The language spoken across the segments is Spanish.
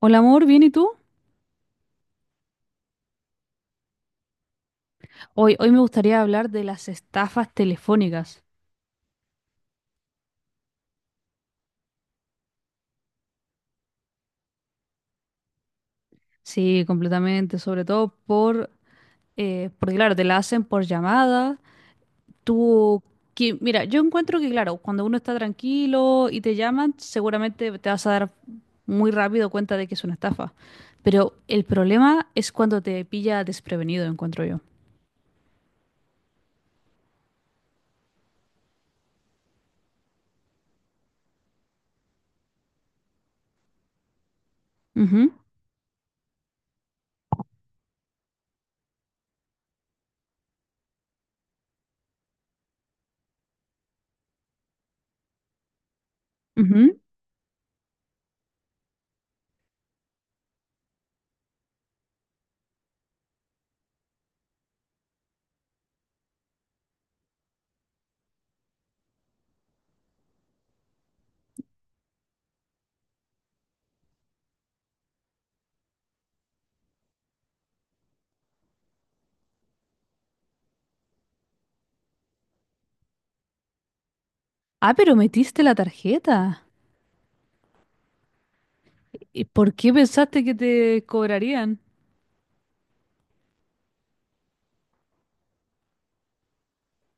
Hola amor, ¿bien y tú? Hoy me gustaría hablar de las estafas telefónicas. Sí, completamente, sobre todo porque claro, te la hacen por llamada. Tú, que, mira, yo encuentro que claro, cuando uno está tranquilo y te llaman, seguramente te vas a dar muy rápido cuenta de que es una estafa. Pero el problema es cuando te pilla desprevenido, encuentro yo. Ujú, ujú. Ah, pero metiste la tarjeta. ¿Y por qué pensaste que te cobrarían?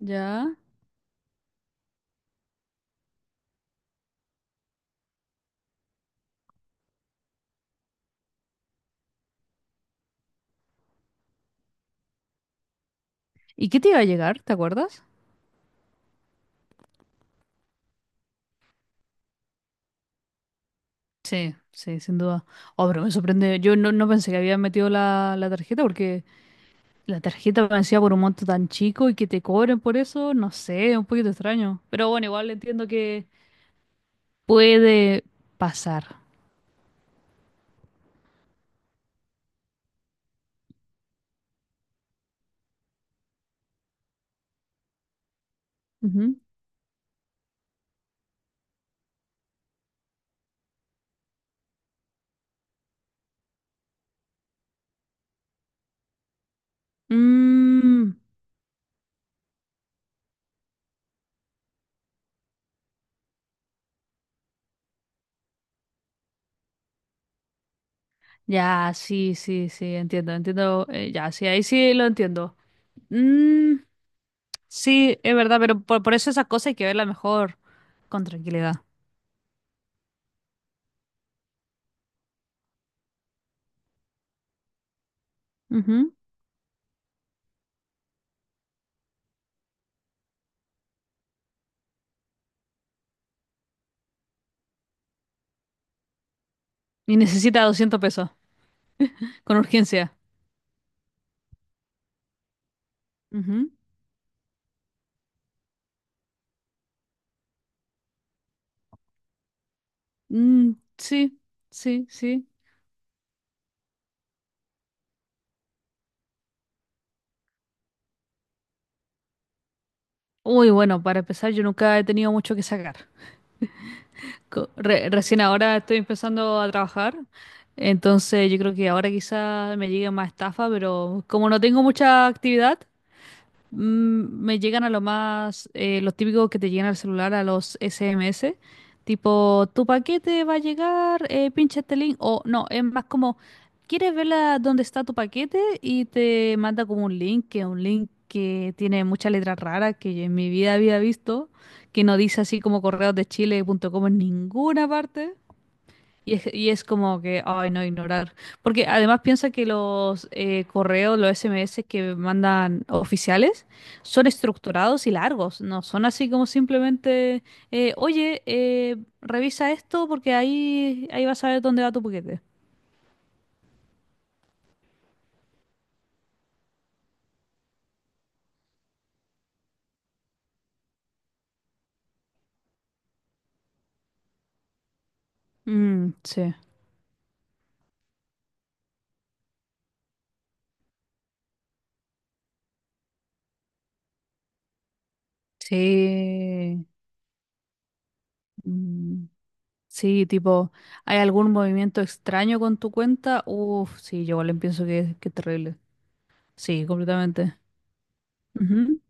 Ya. ¿Y qué te iba a llegar? ¿Te acuerdas? Sí, sí, sin duda. Oh, pero me sorprende. Yo no pensé que había metido la tarjeta porque la tarjeta me decía por un monto tan chico y que te cobren por eso, no sé, es un poquito extraño. Pero bueno, igual entiendo que puede pasar. Ujú. Mm, ya, sí, sí, sí, entiendo, entiendo. Ya, sí, ahí sí lo entiendo. Mm, sí, es verdad, pero por eso esas cosas hay que verlas mejor con tranquilidad. Ujú. Y necesita 200 pesos. Con urgencia. Ujú. Mm, sí, sí, sí. Uy, bueno, para empezar, yo nunca he tenido mucho que sacar. Recién ahora estoy empezando a trabajar, entonces yo creo que ahora quizá me llegue más estafa, pero como no tengo mucha actividad, mm, me llegan a lo más, los típicos que te llegan al celular, a los SMS, tipo, tu paquete va a llegar, pincha este link, o no, es más como, ¿quieres ver dónde está tu paquete? Y te manda como un link, que es un link que tiene muchas letras raras que yo en mi vida había visto, que no dice así como correosdechile.com en ninguna parte. Y es como que, ay, no, ignorar. Porque además piensa que los correos, los SMS que mandan oficiales son estructurados y largos, no son así como simplemente, oye, revisa esto porque ahí vas a ver dónde va tu paquete. Mm, sí. Sí. Mm, sí, tipo, ¿hay algún movimiento extraño con tu cuenta? Uf, sí, yo igual pienso que es terrible. Sí, completamente. Ujú,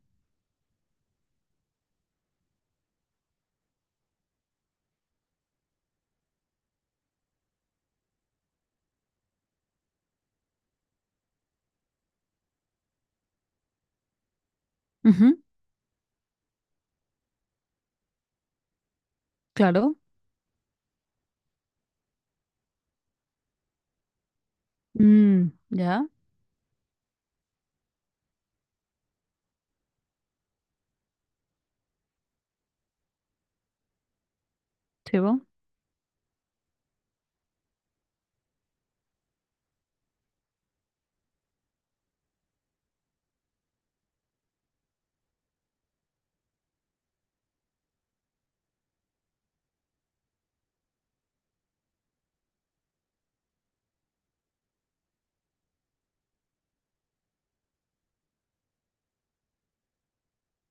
ujú, claro. Mm, ya, sí, po.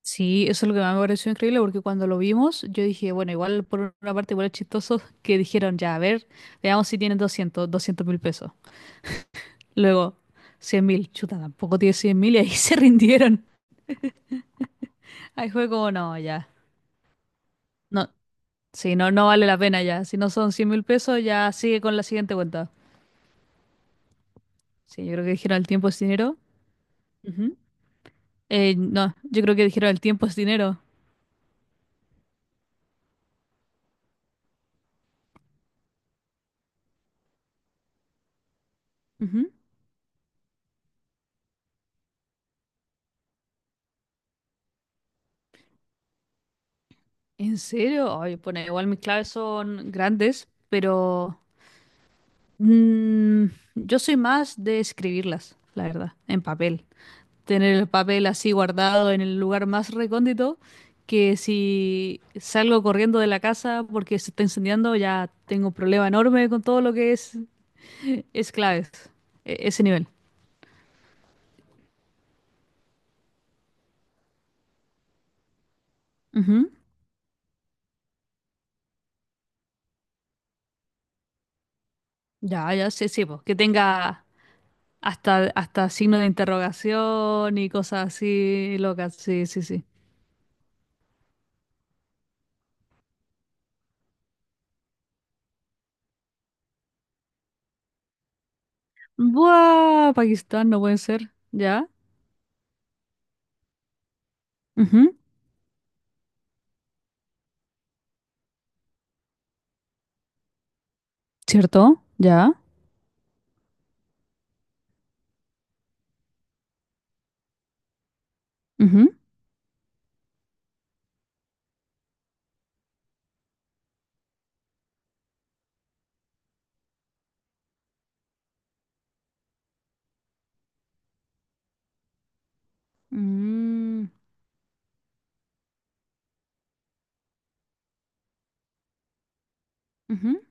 Sí, eso es lo que más me pareció increíble porque cuando lo vimos, yo dije, bueno, igual por una parte igual es chistoso que dijeron, ya, a ver, veamos si tienen 200 mil pesos. Luego, 100 mil, chuta, tampoco tiene 100 mil y ahí se rindieron. Ahí fue como, no, ya, no, sí, no, no vale la pena ya. Si no son 100 mil pesos, ya sigue con la siguiente cuenta. Sí, yo creo que dijeron el tiempo es dinero. Ujú. No, yo creo que dijeron el tiempo es dinero. ¿En serio? Ay, bueno, igual mis claves son grandes, pero mm, yo soy más de escribirlas, la verdad, en papel. Tener el papel así guardado en el lugar más recóndito, que si salgo corriendo de la casa porque se está incendiando, ya tengo un problema enorme con todo lo que es claves, ese nivel. Ujú. Ya, ya, sí, sí, po, que tenga hasta signo de interrogación y cosas así locas, sí, sí, sí. Buah, Pakistán, no puede ser. Ya. Ujú. ¿Cierto? Ya. Ujú. Mm, ujú.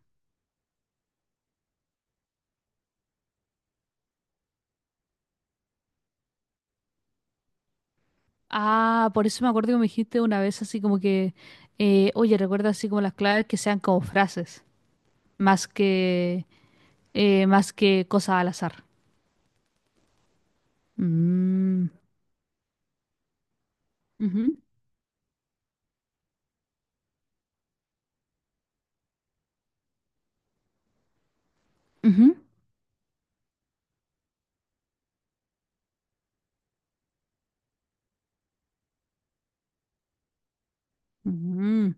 Ah, por eso me acuerdo que me dijiste una vez así como que, oye, recuerda así como las claves que sean como frases, más que, más que cosas al azar. Mm, ujú, ujú, ujú.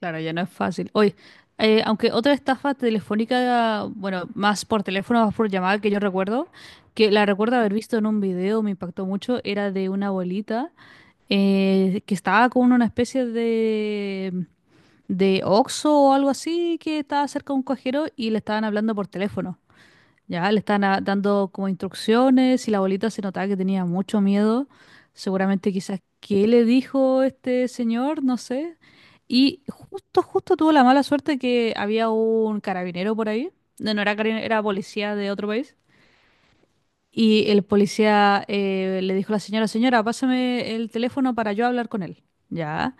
Claro, ya no es fácil. Oye, aunque otra estafa telefónica, bueno, más por teléfono, más por llamada que yo recuerdo, que la recuerdo haber visto en un video, me impactó mucho, era de una abuelita que estaba con una especie de Oxxo o algo así, que estaba cerca de un cajero y le estaban hablando por teléfono. Ya le están dando como instrucciones y la abuelita se notaba que tenía mucho miedo. Seguramente quizás qué le dijo este señor, no sé. Y justo tuvo la mala suerte que había un carabinero por ahí. No, no era carabinero, era policía de otro país. Y el policía le dijo a la señora, señora, pásame el teléfono para yo hablar con él. Ya.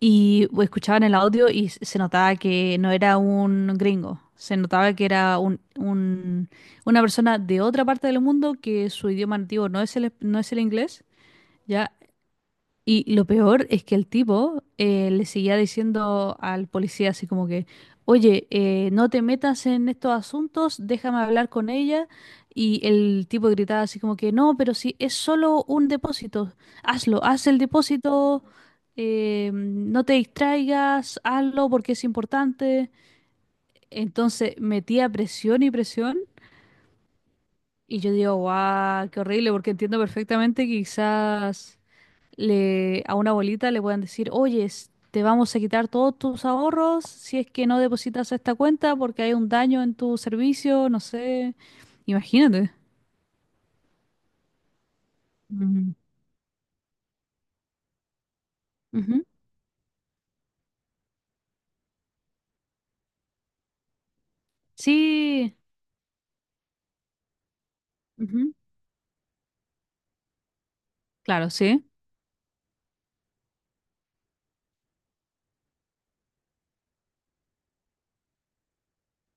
Y escuchaban el audio y se notaba que no era un gringo, se notaba que era un, una persona de otra parte del mundo que su idioma nativo no es el, no es el inglés, ¿ya? Y lo peor es que el tipo le seguía diciendo al policía así como que, oye, no te metas en estos asuntos, déjame hablar con ella. Y el tipo gritaba así como que, no, pero si es solo un depósito, hazlo, haz el depósito, no te distraigas, hazlo porque es importante. Entonces metía presión y presión. Y yo digo, guau, qué horrible, porque entiendo perfectamente que quizás le, a una abuelita le puedan decir, oye, te vamos a quitar todos tus ahorros si es que no depositas a esta cuenta porque hay un daño en tu servicio, no sé. Imagínate. Mm. Ujú. Sí, ujú. Claro, sí.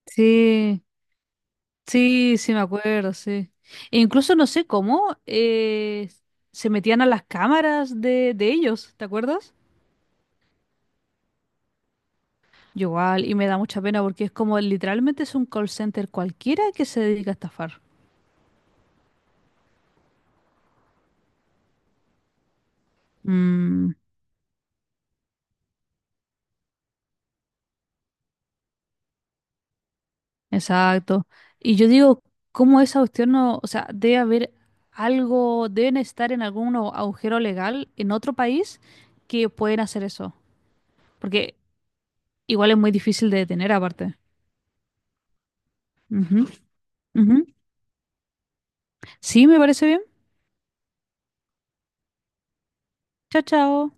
Sí, sí, sí, me acuerdo, sí. E incluso no sé cómo se metían a las cámaras de ellos, ¿te acuerdas? Yo igual, y me da mucha pena porque es como literalmente es un call center cualquiera que se dedica a estafar. Mm. Exacto. Y yo digo, ¿cómo esa cuestión no, o sea, debe haber algo, deben estar en algún agujero legal en otro país que pueden hacer eso? Porque igual es muy difícil de detener aparte. Ujú, ujú. Sí, me parece bien. Chao, chao.